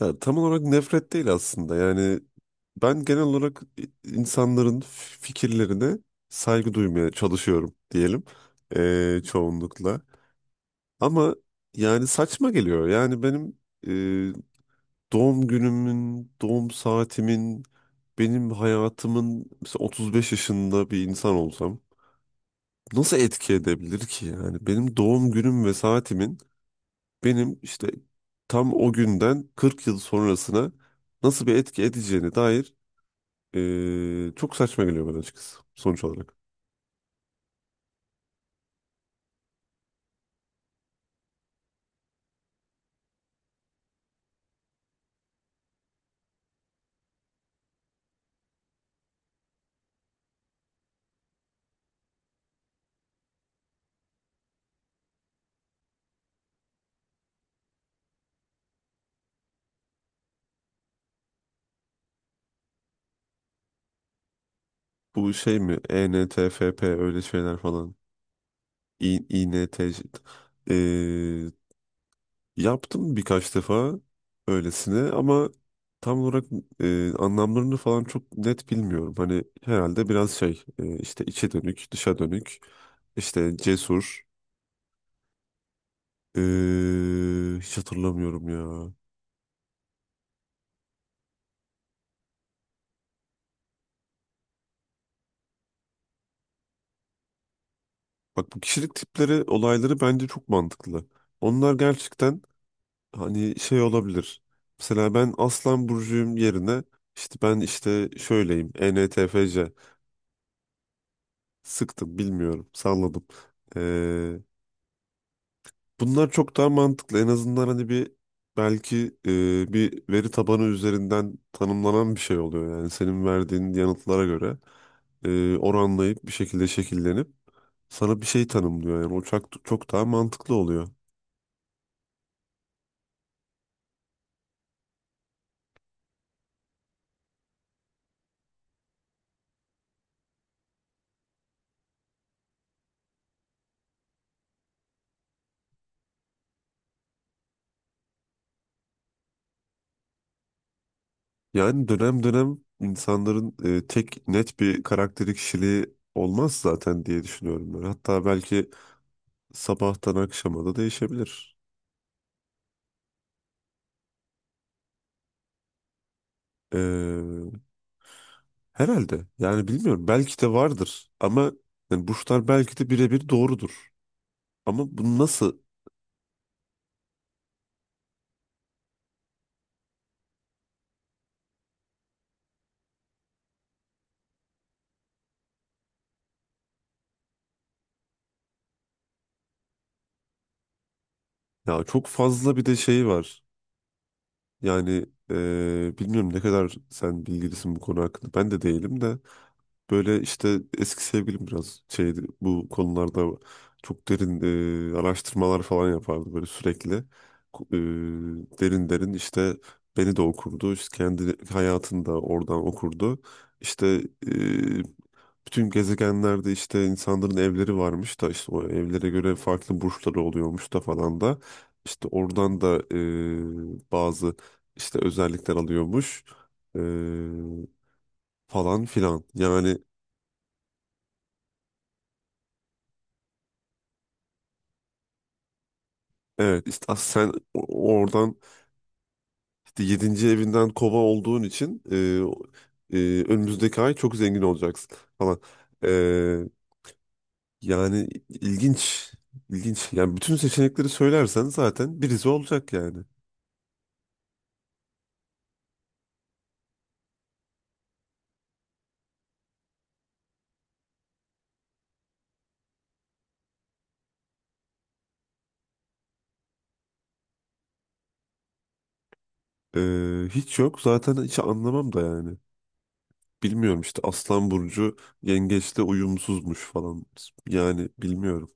Ya, tam olarak nefret değil aslında. Yani ben genel olarak insanların fikirlerine saygı duymaya çalışıyorum diyelim, çoğunlukla. Ama yani saçma geliyor. Yani benim doğum günümün, doğum saatimin, benim hayatımın, mesela 35 yaşında bir insan olsam nasıl etki edebilir ki? Yani benim doğum günüm ve saatimin benim işte tam o günden 40 yıl sonrasına nasıl bir etki edeceğine dair çok saçma geliyor bana açıkçası sonuç olarak. Bu şey mi? ENTFP öyle şeyler falan. İNTC. E, Yaptım birkaç defa öylesine, ama tam olarak anlamlarını falan çok net bilmiyorum. Hani herhalde biraz şey, işte içe dönük, dışa dönük, işte cesur. E, Hiç hatırlamıyorum ya. Bak, bu kişilik tipleri olayları bence çok mantıklı. Onlar gerçekten hani şey olabilir. Mesela ben Aslan Burcu'yum yerine işte ben işte şöyleyim, ENTFC, sıktım bilmiyorum salladım. Ee, Bunlar çok daha mantıklı. En azından hani bir, belki bir veri tabanı üzerinden tanımlanan bir şey oluyor. Yani senin verdiğin yanıtlara göre oranlayıp bir şekilde şekillenip sana bir şey tanımlıyor. Yani o çok, çok daha mantıklı oluyor. Yani dönem dönem insanların tek net bir karakteri, kişiliği olmaz zaten diye düşünüyorum ben. Hatta belki sabahtan akşama da değişebilir. Ee, Herhalde. Yani bilmiyorum. Belki de vardır. Ama yani burçlar belki de birebir doğrudur. Ama bu nasıl? Ya çok fazla bir de şey var. Yani bilmiyorum ne kadar sen bilgilisin bu konu hakkında. Ben de değilim de. Böyle işte eski sevgilim biraz şeydi bu konularda, çok derin araştırmalar falan yapardı böyle sürekli. Ku- Derin derin işte beni de okurdu, işte kendi hayatını da oradan okurdu. İşte e, bütün gezegenlerde işte insanların evleri varmış da işte o evlere göre farklı burçları oluyormuş da falan da. İşte oradan da bazı işte özellikler alıyormuş. E, Falan filan. Yani evet, işte sen oradan işte 7. evinden kova olduğun için e, önümüzdeki ay çok zengin olacaksın falan. E, Yani ilginç, ilginç. Yani bütün seçenekleri söylersen zaten birisi olacak yani. E, Hiç yok, zaten hiç anlamam da yani. Bilmiyorum, işte Aslan Burcu yengeçle uyumsuzmuş falan, yani bilmiyorum.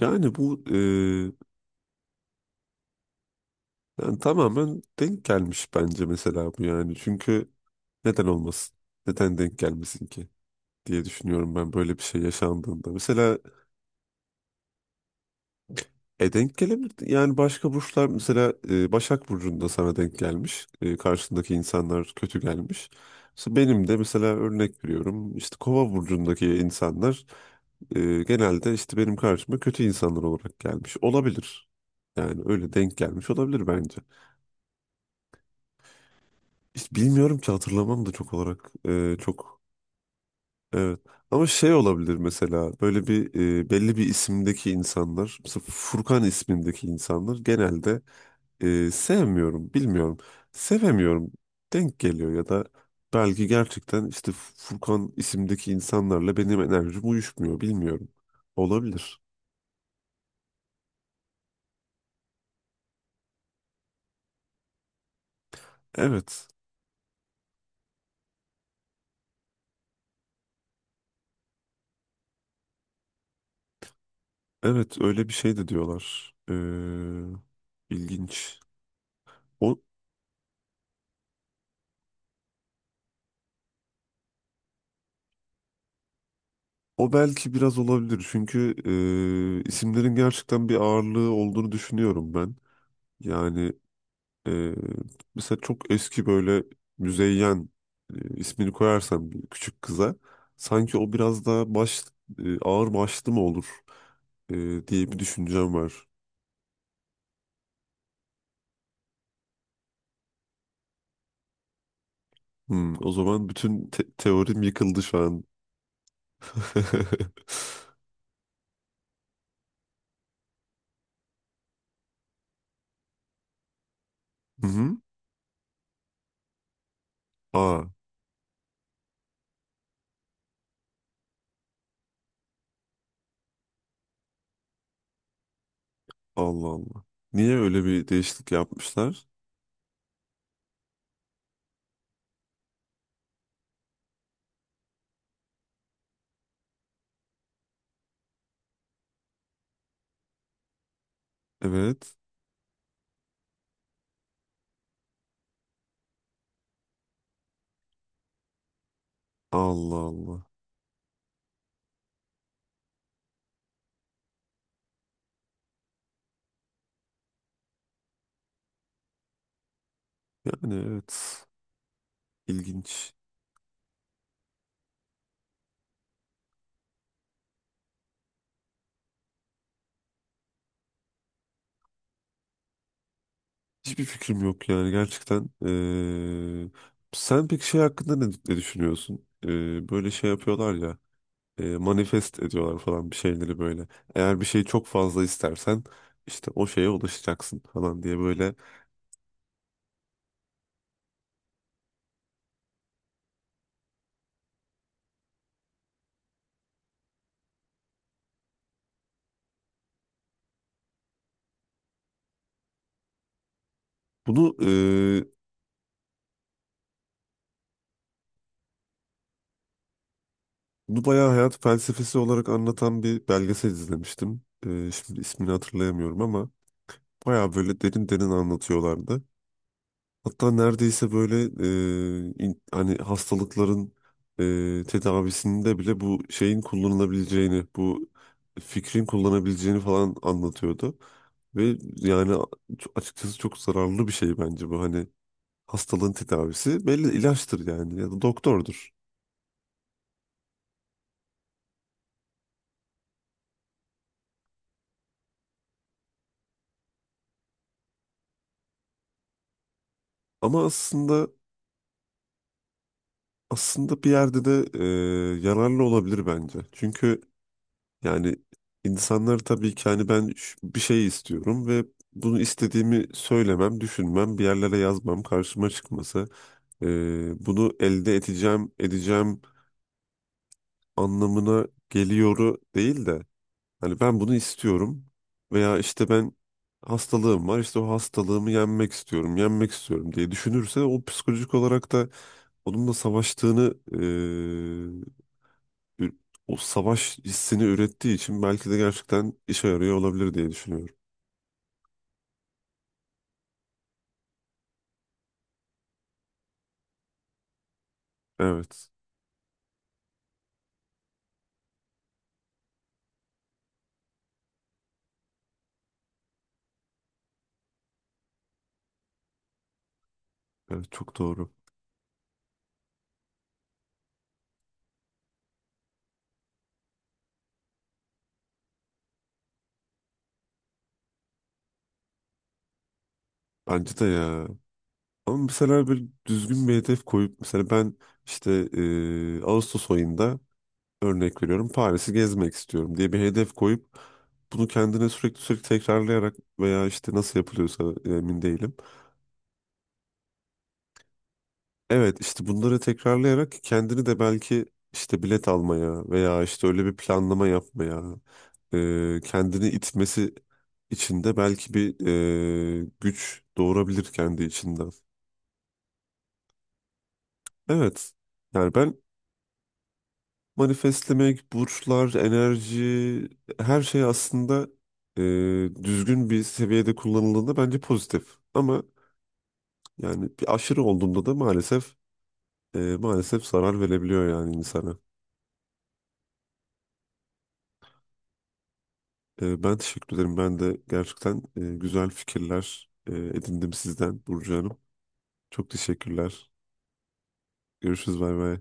Yani bu, yani tamamen denk gelmiş bence mesela bu yani. Çünkü neden olmasın? Neden denk gelmesin ki diye düşünüyorum ben böyle bir şey yaşandığında. Mesela e denk gelebilir. Yani başka burçlar mesela, Başak Burcu'nda sana denk gelmiş. E, karşındaki insanlar kötü gelmiş. Mesela benim de, mesela örnek veriyorum, işte Kova Burcu'ndaki insanlar genelde işte benim karşıma kötü insanlar olarak gelmiş. Olabilir. Yani öyle denk gelmiş olabilir bence. Hiç bilmiyorum ki, hatırlamam da çok olarak. Çok evet. Ama şey olabilir, mesela böyle bir, belli bir isimdeki insanlar, mesela Furkan ismindeki insanlar genelde sevmiyorum, bilmiyorum. Sevemiyorum, denk geliyor, ya da belki gerçekten işte Furkan isimdeki insanlarla benim enerjim uyuşmuyor, bilmiyorum. Olabilir. Evet. Evet, öyle bir şey de diyorlar. İlginç. O, O belki biraz olabilir, çünkü isimlerin gerçekten bir ağırlığı olduğunu düşünüyorum ben. Yani e, mesela çok eski, böyle Müzeyyen ismini koyarsam bir küçük kıza, sanki o biraz daha baş, ağır başlı mı olur e, diye bir düşüncem var. Hmm, o zaman bütün teorim yıkıldı şu an. Hı hı. Aa, Allah Allah. Niye öyle bir değişiklik yapmışlar? Evet. Allah Allah. Yani evet. İlginç. Hiçbir fikrim yok yani gerçekten. Sen peki şey hakkında ne düşünüyorsun? Böyle şey yapıyorlar ya, manifest ediyorlar falan bir şeyleri böyle. Eğer bir şeyi çok fazla istersen işte o şeye ulaşacaksın falan diye böyle. Bunu e, Bunu bayağı hayat felsefesi olarak anlatan bir belgesel izlemiştim. Şimdi ismini hatırlayamıyorum ama bayağı böyle derin derin anlatıyorlardı. Hatta neredeyse böyle hani hastalıkların tedavisinde bile bu şeyin kullanılabileceğini, bu fikrin kullanabileceğini falan anlatıyordu. Ve yani açıkçası çok zararlı bir şey bence bu. Hani hastalığın tedavisi belli ilaçtır yani, ya da doktordur. Ama aslında bir yerde de yararlı olabilir bence. Çünkü yani insanlar tabii ki, hani ben bir şey istiyorum ve bunu istediğimi söylemem, düşünmem, bir yerlere yazmam, karşıma çıkması, bunu elde edeceğim, edeceğim anlamına geliyoru değil de, hani ben bunu istiyorum veya işte ben hastalığım var, işte o hastalığımı yenmek istiyorum, yenmek istiyorum diye düşünürse, o psikolojik olarak da onunla savaştığını, ü- o savaş hissini ürettiği için belki de gerçekten işe yarıyor olabilir diye düşünüyorum. Evet. Evet, çok doğru. Bence de ya. Ama mesela bir düzgün bir hedef koyup, mesela ben işte Ağustos ayında örnek veriyorum Paris'i gezmek istiyorum diye bir hedef koyup, bunu kendine sürekli sürekli tekrarlayarak veya işte nasıl yapılıyorsa, emin değilim. Evet işte bunları tekrarlayarak kendini de belki işte bilet almaya veya işte öyle bir planlama yapmaya kendini itmesi için de belki bir güç doğurabilir kendi içinden. Evet, yani ben manifestlemek, burçlar, enerji, her şey aslında e, düzgün bir seviyede kullanıldığında bence pozitif. Ama yani bir aşırı olduğunda da maalesef maalesef zarar verebiliyor yani insana. Ben teşekkür ederim. Ben de gerçekten güzel fikirler edindim sizden Burcu Hanım. Çok teşekkürler. Görüşürüz. Bay bay.